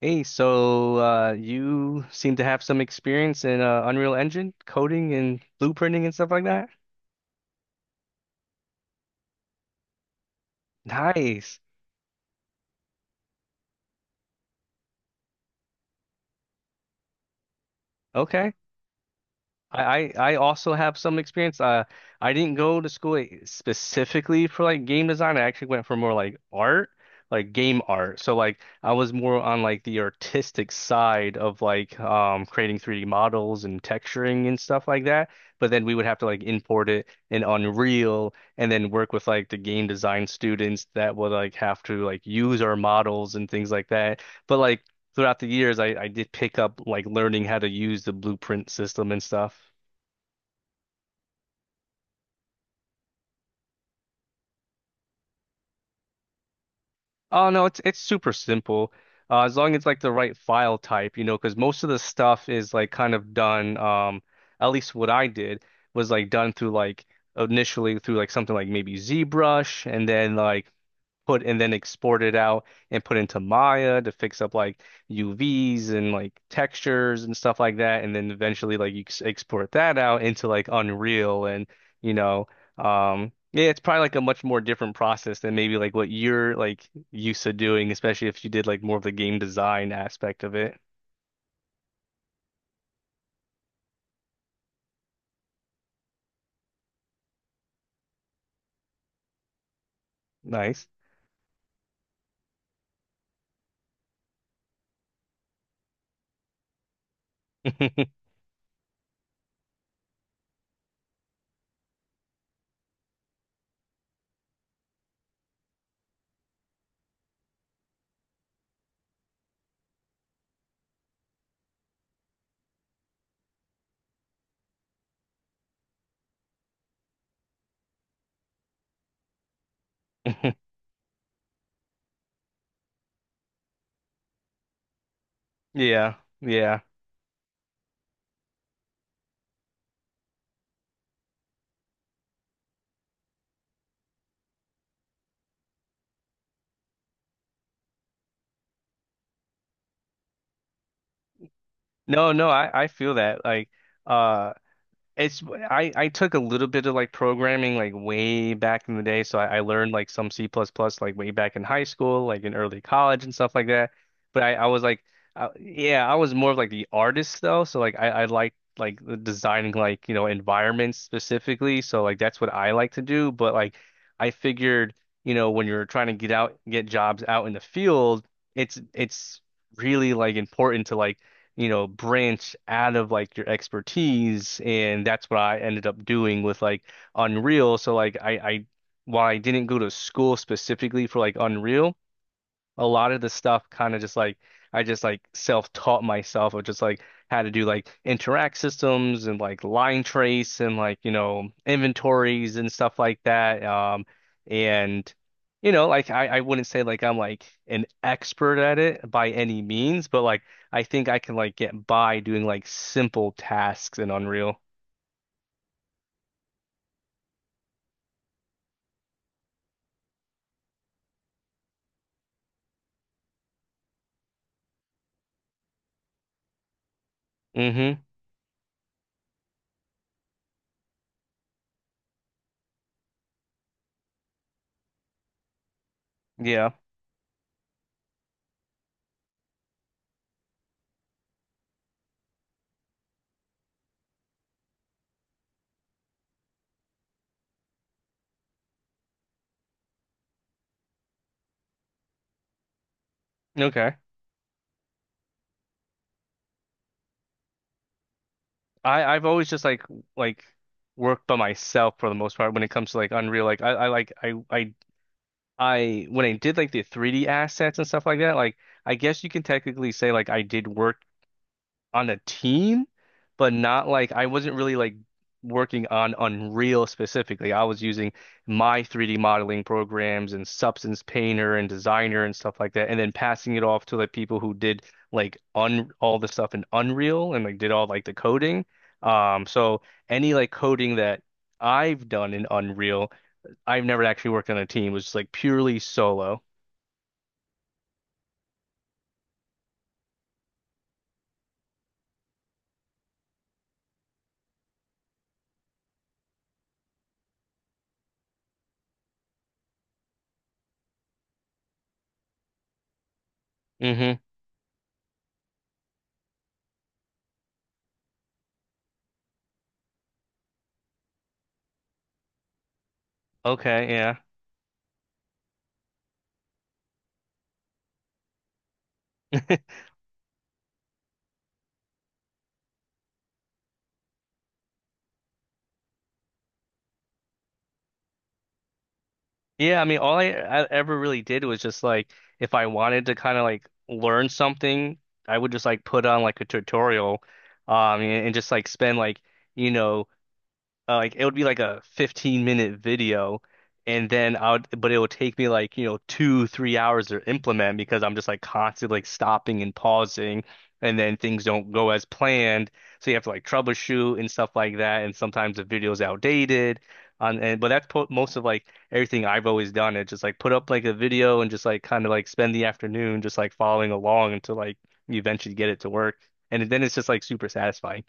Hey, you seem to have some experience in Unreal Engine coding and blueprinting and stuff like that? Nice. Okay. I also have some experience. I didn't go to school like, specifically for like game design. I actually went for more like art, like game art. So like I was more on like the artistic side of like creating 3D models and texturing and stuff like that. But then we would have to like import it in Unreal and then work with like the game design students that would like have to like use our models and things like that. But like throughout the years, I did pick up like learning how to use the blueprint system and stuff. Oh no, it's super simple. As long as like the right file type, you know, because most of the stuff is like kind of done. At least what I did was like done through like initially through like something like maybe ZBrush, and then like put and then export it out and put into Maya to fix up like UVs and like textures and stuff like that. And then eventually like you export that out into like Unreal and you know, yeah, it's probably like a much more different process than maybe like what you're like used to doing, especially if you did like more of the game design aspect of it. Nice. Yeah, yeah. No, no, I feel that like uh it's I took a little bit of like programming like way back in the day, so I learned like some C++ plus plus like way back in high school, like in early college and stuff like that. But I was like, I, yeah, I was more of like the artist though, so like I like the designing like you know environments specifically, so like that's what I like to do. But like I figured you know when you're trying to get jobs out in the field, it's really like important to like you know, branch out of like your expertise. And that's what I ended up doing with like Unreal. So like I while I didn't go to school specifically for like Unreal, a lot of the stuff kind of just like I just like self-taught myself of just like how to do like interact systems and like line trace and like you know inventories and stuff like that. Um, and you know like I wouldn't say like I'm like an expert at it by any means, but like I think I can like get by doing like simple tasks in Unreal. Hmm. Yeah. Okay, I've always just like worked by myself for the most part when it comes to like Unreal. Like I I when I did like the 3D assets and stuff like that, like I guess you can technically say like I did work on a team, but not like I wasn't really like working on Unreal specifically. I was using my 3D modeling programs and Substance Painter and Designer and stuff like that, and then passing it off to like people who did like un all the stuff in Unreal and like did all like the coding. So any like coding that I've done in Unreal, I've never actually worked on a team. It was just like purely solo. Hmm. Okay, yeah. Yeah, I mean, all I ever really did was just like if I wanted to kind of like learn something, I would just like put on like a tutorial, and just like spend like you know like it would be like a 15-minute minute video, and then I would but it would take me like you know 2 3 hours to implement because I'm just like constantly like stopping and pausing, and then things don't go as planned, so you have to like troubleshoot and stuff like that, and sometimes the video's outdated on and but that's po most of like everything I've always done. It just like put up like a video and just like kind of like spend the afternoon just like following along until like you eventually get it to work, and then it's just like super satisfying.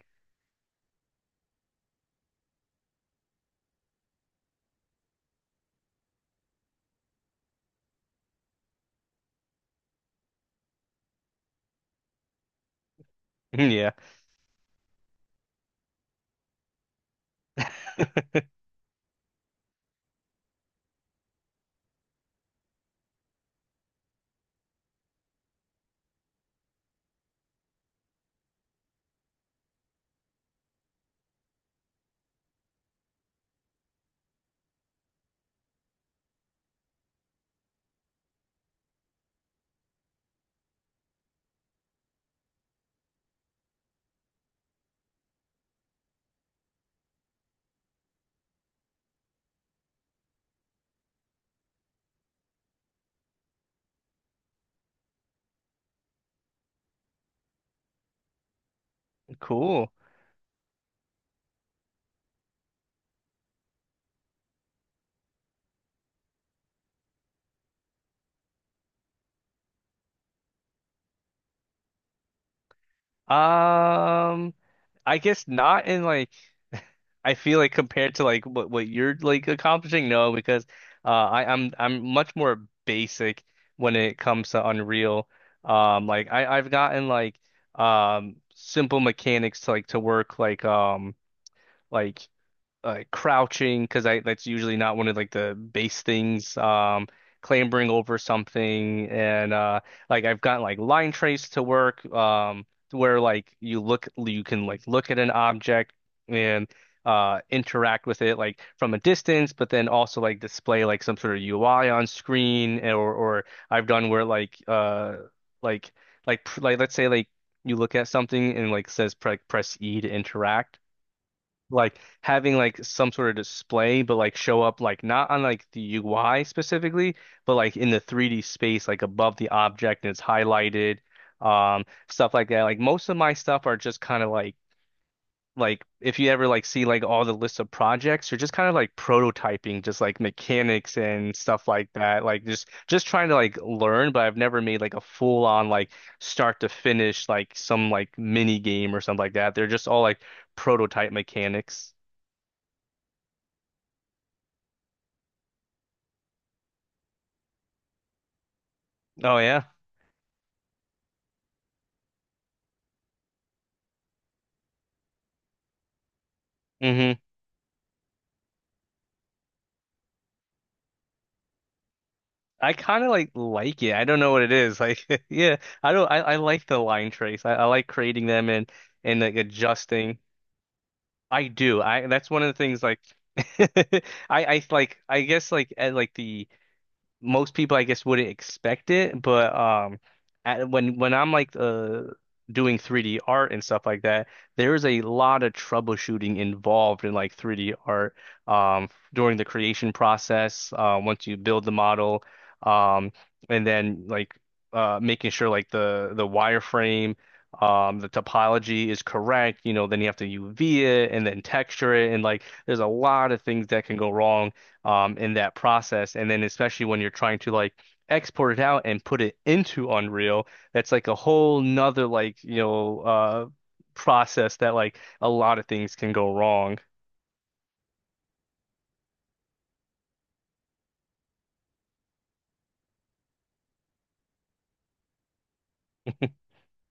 Yeah. Cool. Um, I guess not in like I feel like compared to like what you're like accomplishing, no, because I'm I'm much more basic when it comes to Unreal. Like I've gotten like simple mechanics to to work like like crouching because I that's usually not one of like the base things. Clambering over something, and like I've gotten like line trace to work to where like you look you can like look at an object and interact with it like from a distance, but then also like display like some sort of UI on screen. Or I've done where like like like let's say like you look at something and like says press E to interact, like having like some sort of display, but like show up like not on like the UI specifically, but like in the 3D space, like above the object and it's highlighted, um, stuff like that. Like most of my stuff are just kind of like if you ever like see like all the lists of projects, you're just kind of like prototyping, just like mechanics and stuff like that. Like just trying to like learn, but I've never made like a full on like start to finish like some like mini game or something like that. They're just all like prototype mechanics. Oh yeah. Hmm. I kind of like it. I don't know what it is. Like yeah, I don't I like the line trace. I like creating them and like adjusting. I do. I that's one of the things like I I like I guess like like the most people I guess wouldn't expect it, but when I'm like doing 3D art and stuff like that, there is a lot of troubleshooting involved in like 3D art during the creation process, once you build the model, um and then like making sure like the wireframe. The topology is correct, you know, then you have to UV it and then texture it, and like there's a lot of things that can go wrong in that process. And then especially when you're trying to like export it out and put it into Unreal, that's like a whole nother like, you know, process that like a lot of things can go wrong.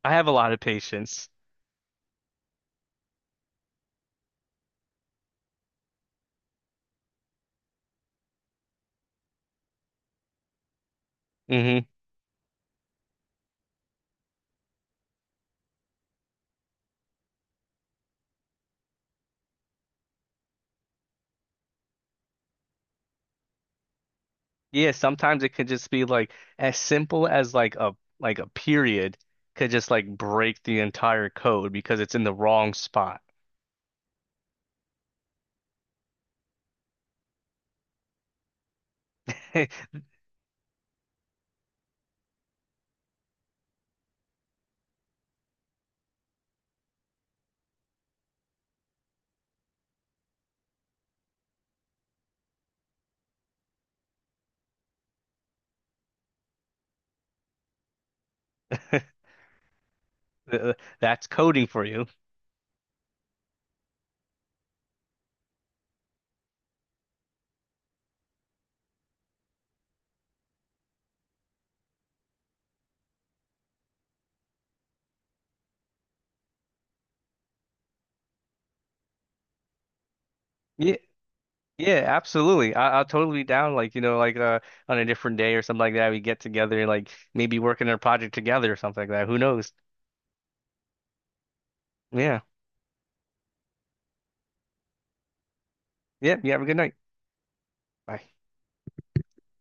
I have a lot of patience. Hmm. Yeah, sometimes it could just be like as simple as like a period could just like break the entire code because it's in the wrong spot. That's coding for you. Yeah, absolutely. I'll totally be down. Like you know, like on a different day or something like that, we get together and like maybe work on a project together or something like that. Who knows? Yeah, yeah. You have a good night. Bye.